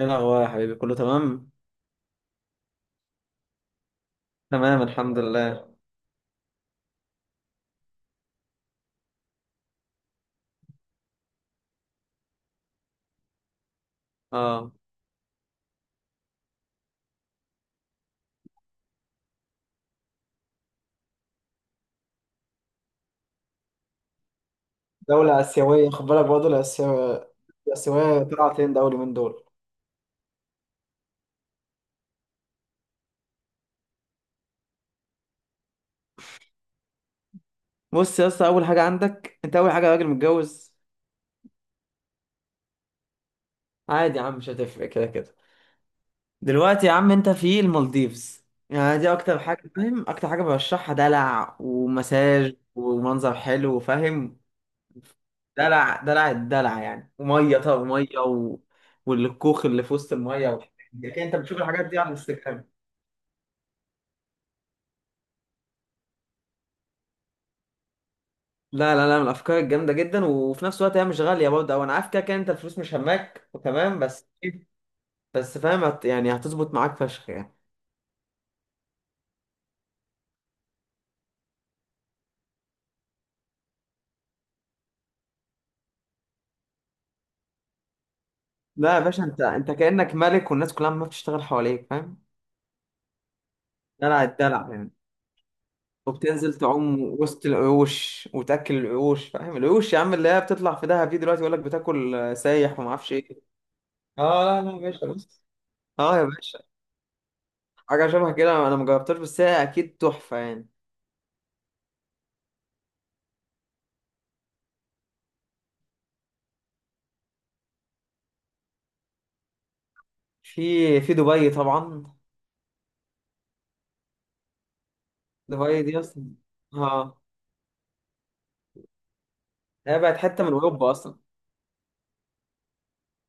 ايه الاخبار يا حبيبي؟ كله تمام. تمام، الحمد لله. اه. دولة آسيوية، خد بالك برضه، الآسيوية. طلعت فين دولي من دول؟ بص يا اسطى، اول حاجه عندك انت، اول حاجه راجل متجوز. عادي يا عم، مش هتفرق كده كده. دلوقتي يا عم، انت في المالديفز. يعني دي اكتر حاجه، فاهم؟ اكتر حاجه برشحها، دلع ومساج ومنظر حلو، فاهم؟ دلع دلع الدلع يعني، وميه، طب ميه والكوخ اللي في وسط الميه والحاجات دي. لكن انت بتشوف الحاجات دي على الانستجرام. لا لا لا، من الافكار الجامده جدا، وفي نفس الوقت هي مش غاليه برضه، او انا عارف كده كده انت الفلوس مش هماك، تمام؟ بس فاهم، يعني هتظبط معاك فشخ يعني. لا يا باشا، انت كانك ملك، والناس كلها ما بتشتغل حواليك، فاهم؟ دلع الدلع يعني. وبتنزل تعوم وسط القروش وتاكل القروش، فاهم؟ القروش يا عم اللي هي بتطلع في دهب دي، دلوقتي يقول لك بتاكل، سايح وما اعرفش ايه. اه، لا لا يا باشا، بص. اه يا باشا. حاجه شبه كده، انا ما جربتهاش، بس هي اكيد تحفه يعني. في دبي طبعا. دبي دي اصلا، اه، هي بقت حته من اوروبا اصلا.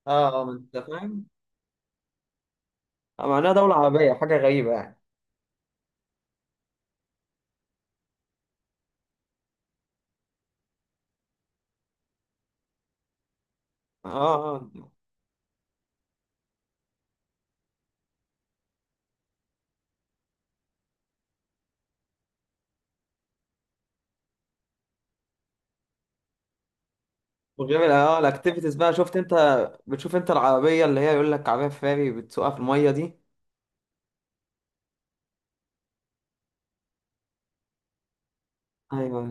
اه اه، ما انت فاهم. معناها دوله عربيه، حاجه غريبه يعني. اه اه آه. وغير الاكتيفيتيز بقى، شفت انت؟ بتشوف انت العربيه اللي هي يقول لك عربيه فاري بتسوقها في الميه دي؟ ايوه.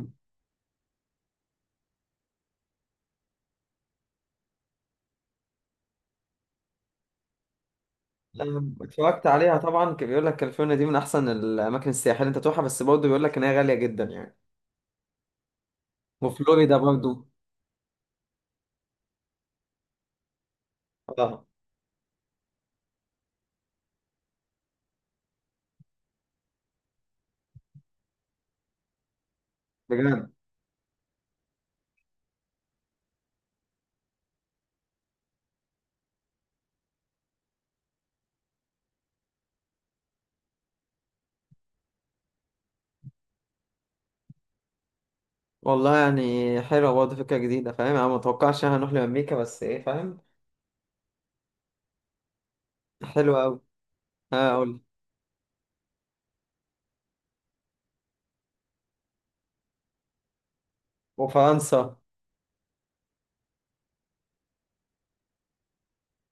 لا، اتفرجت عليها طبعا، كان بيقول لك كاليفورنيا دي من احسن الاماكن السياحيه اللي انت تروحها، بس برضه بيقول لك ان هي غاليه جدا يعني. وفلوريدا برضه. اه. بجد؟ والله يعني حلوه برضه، فكره جديده، فاهم؟ انا ما اتوقعش إن إحنا هنروح لامريكا، بس ايه، فاهم؟ حلوه قوي. اه قول. وفرنسا.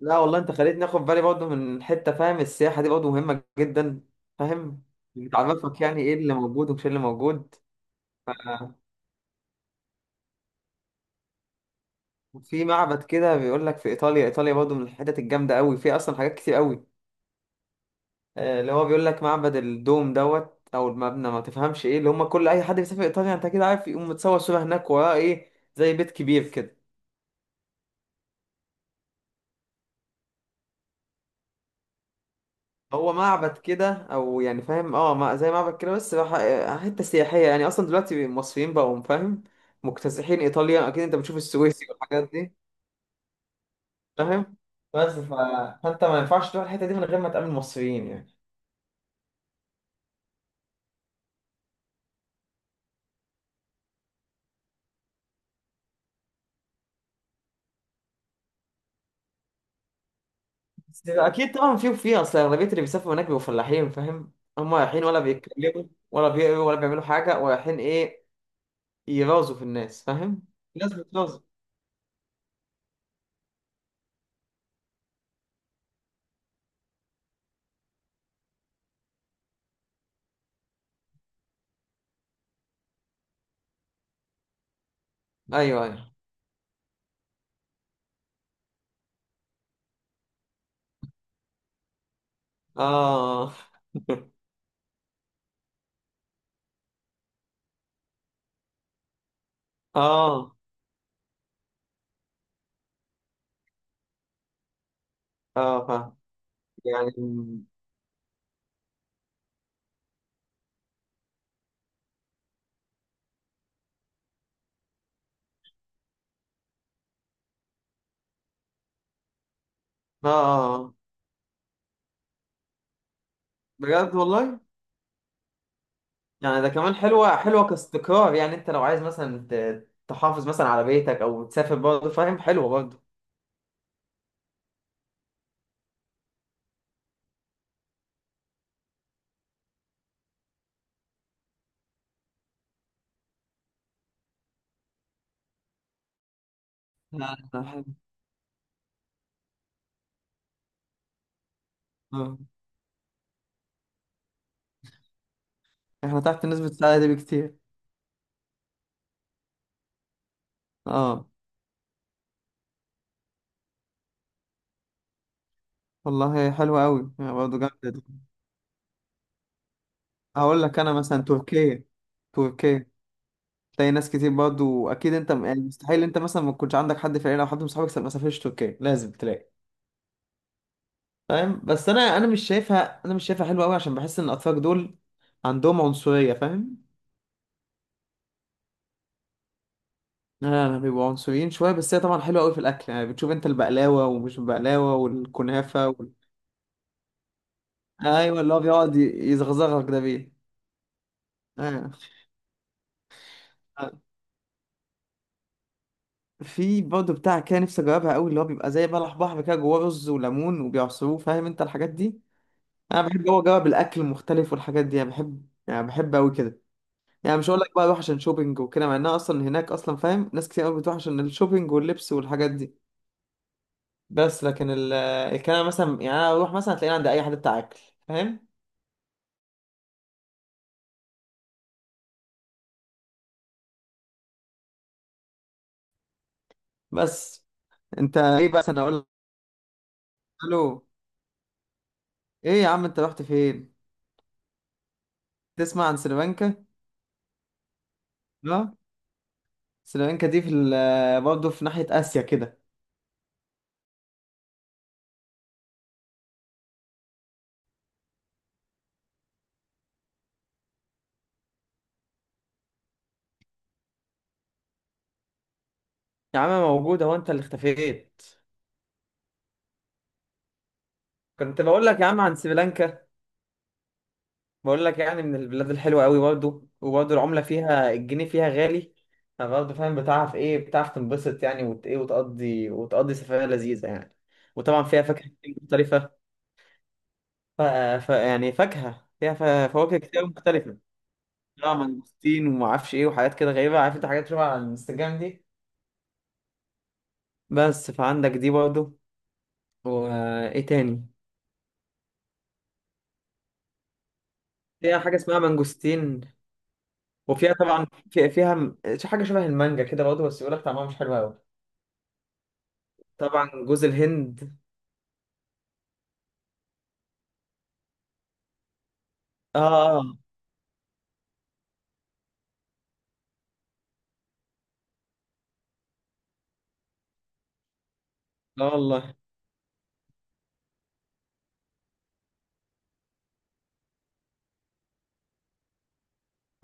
لا والله، انت خليتني اخد بالي برضه من حته، فاهم؟ السياحه دي برضه مهمه جدا. فاهم. بتعرفك يعني ايه اللي موجود ومش إيه اللي موجود. ف- في معبد كده، بيقول لك في ايطاليا، ايطاليا برضه من الحتت الجامده قوي، في اصلا حاجات كتير قوي. اللي هو بيقول لك معبد الدوم دوت، او المبنى، ما تفهمش ايه اللي هم، كل اي حد بيسافر ايطاليا انت كده عارف يقوم متصور صوره هناك وراه، ايه؟ زي بيت كبير كده. هو معبد كده، او يعني فاهم، زي معبد كده، بس حته سياحيه يعني، اصلا دلوقتي المصريين بقوا فاهم مكتسحين ايطاليا، اكيد انت بتشوف السويسي والحاجات دي. فاهم. بس فانت ما ينفعش تروح الحته دي من غير ما تقابل مصريين يعني. بس اكيد طبعا، في، وفي اصل اغلبيه اللي بيسافروا هناك بيبقوا فلاحين، فاهم؟ هم رايحين ولا بيتكلموا ولا بيقروا ولا بيعملوا حاجه، ورايحين ايه؟ يرازوا في الناس، فاهم؟ الناس بترازوا. ايوه ايوه. اه. اه اه. فاهم. يعني. اه. بجد والله. يعني ده كمان، حلوة حلوة كاستقرار يعني، انت لو عايز مثلا تحافظ مثلا على بيتك او تسافر برضه، فاهم؟ حلوة برضه. لا، لا، حلو. اه. احنا تحت نسبة السعادة دي بكتير. اه والله، حلوة قوي يعني، برضه جامدة دي. هقول لك انا مثلا تركيا. تركيا. تلاقي ناس كتير برضه، اكيد انت يعني مستحيل انت مثلا ما تكونش عندك حد في العيلة او حد من صحابك ما سافرش تركيا، لازم تلاقي. فاهم؟ بس انا مش شايفها، انا مش شايفها حلوة قوي، عشان بحس ان الاتراك دول عندهم عنصرية، فاهم؟ لا لا، بيبقوا عنصريين شويه، بس هي طبعا حلوه قوي في الاكل، يعني بتشوف انت البقلاوه ومش البقلاوه والكنافه ايوه، اللي هو بيقعد يزغزغك ده بيه. ايوه. آه، في برضه بتاع كده، نفسي اجربها قوي، اللي هو بيبقى زي بلح بحر كده جواه رز وليمون وبيعصروه، فاهم انت الحاجات دي؟ انا بحب جوه اجرب الاكل المختلف والحاجات دي، انا بحب، يعني بحب قوي كده. يعني مش هقول لك بقى اروح عشان شوبينج وكده، مع انها اصلا هناك اصلا، فاهم؟ ناس كتير قوي بتروح عشان الشوبينج واللبس والحاجات دي. بس لكن الكلام مثلا يعني، انا اروح مثلا، هتلاقيني عند اي حد بتاع اكل. فاهم؟ بس انت ايه، بس انا اقول له ايه؟ يا عم انت رحت فين؟ تسمع عن سريلانكا؟ اه، سريلانكا دي في برضه في ناحية آسيا كده. يا عم موجودة، وانت اللي اختفيت. كنت بقول لك يا عم عن سريلانكا. بقول لك يعني من البلاد الحلوة قوي برضه، وبرضه العملة فيها، الجنيه فيها غالي. فبرضه فاهم، بتعرف ايه، بتعرف تنبسط يعني، وت ايه، وتقضي سفرية لذيذة يعني. وطبعا فيها فاكهة كتير مختلفة. ف... يعني، فاكهة فيها فواكه كتير مختلفة. لا، مانجستين وما اعرفش ايه، وحاجات كده غريبه، عارف انت حاجات شبه على الانستجرام دي؟ بس فعندك دي برضه. وايه تاني؟ فيها حاجه اسمها مانجوستين. وفيها طبعا، فيها حاجه شبه المانجا كده برضه، بس يقول لك طعمها مش حلو قوي. طبعا جوز الهند. اه اه آه. والله.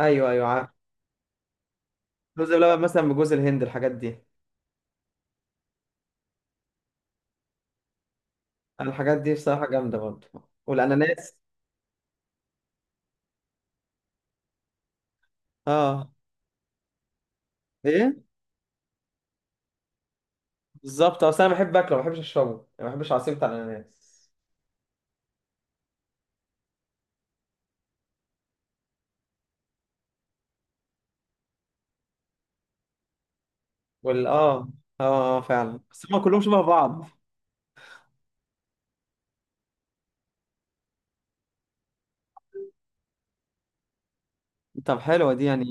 ايوه ايوه، عارف. جوز اللبن مثلا، بجوز الهند، الحاجات دي. الحاجات دي بصراحه جامده برضه. والاناناس. اه. ايه. بالظبط، اصل انا بحب اكله، ما بحبش اشربه يعني، ما بحبش عصير بتاع الاناناس. وال اه اه. فعلا، بس هما كلهم شبه بعض. طب حلوة دي يعني.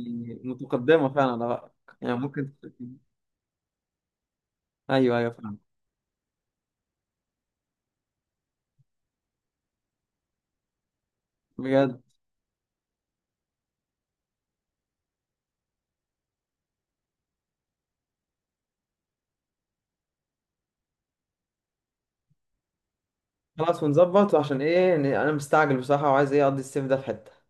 متقدمة فعلا على رأيك. يعني ممكن. ايوه ايوه فعلا. بجد. خلاص، ونظبط، عشان ايه، إن انا مستعجل بصراحة، وعايز ايه اقضي الصيف ده في حتة.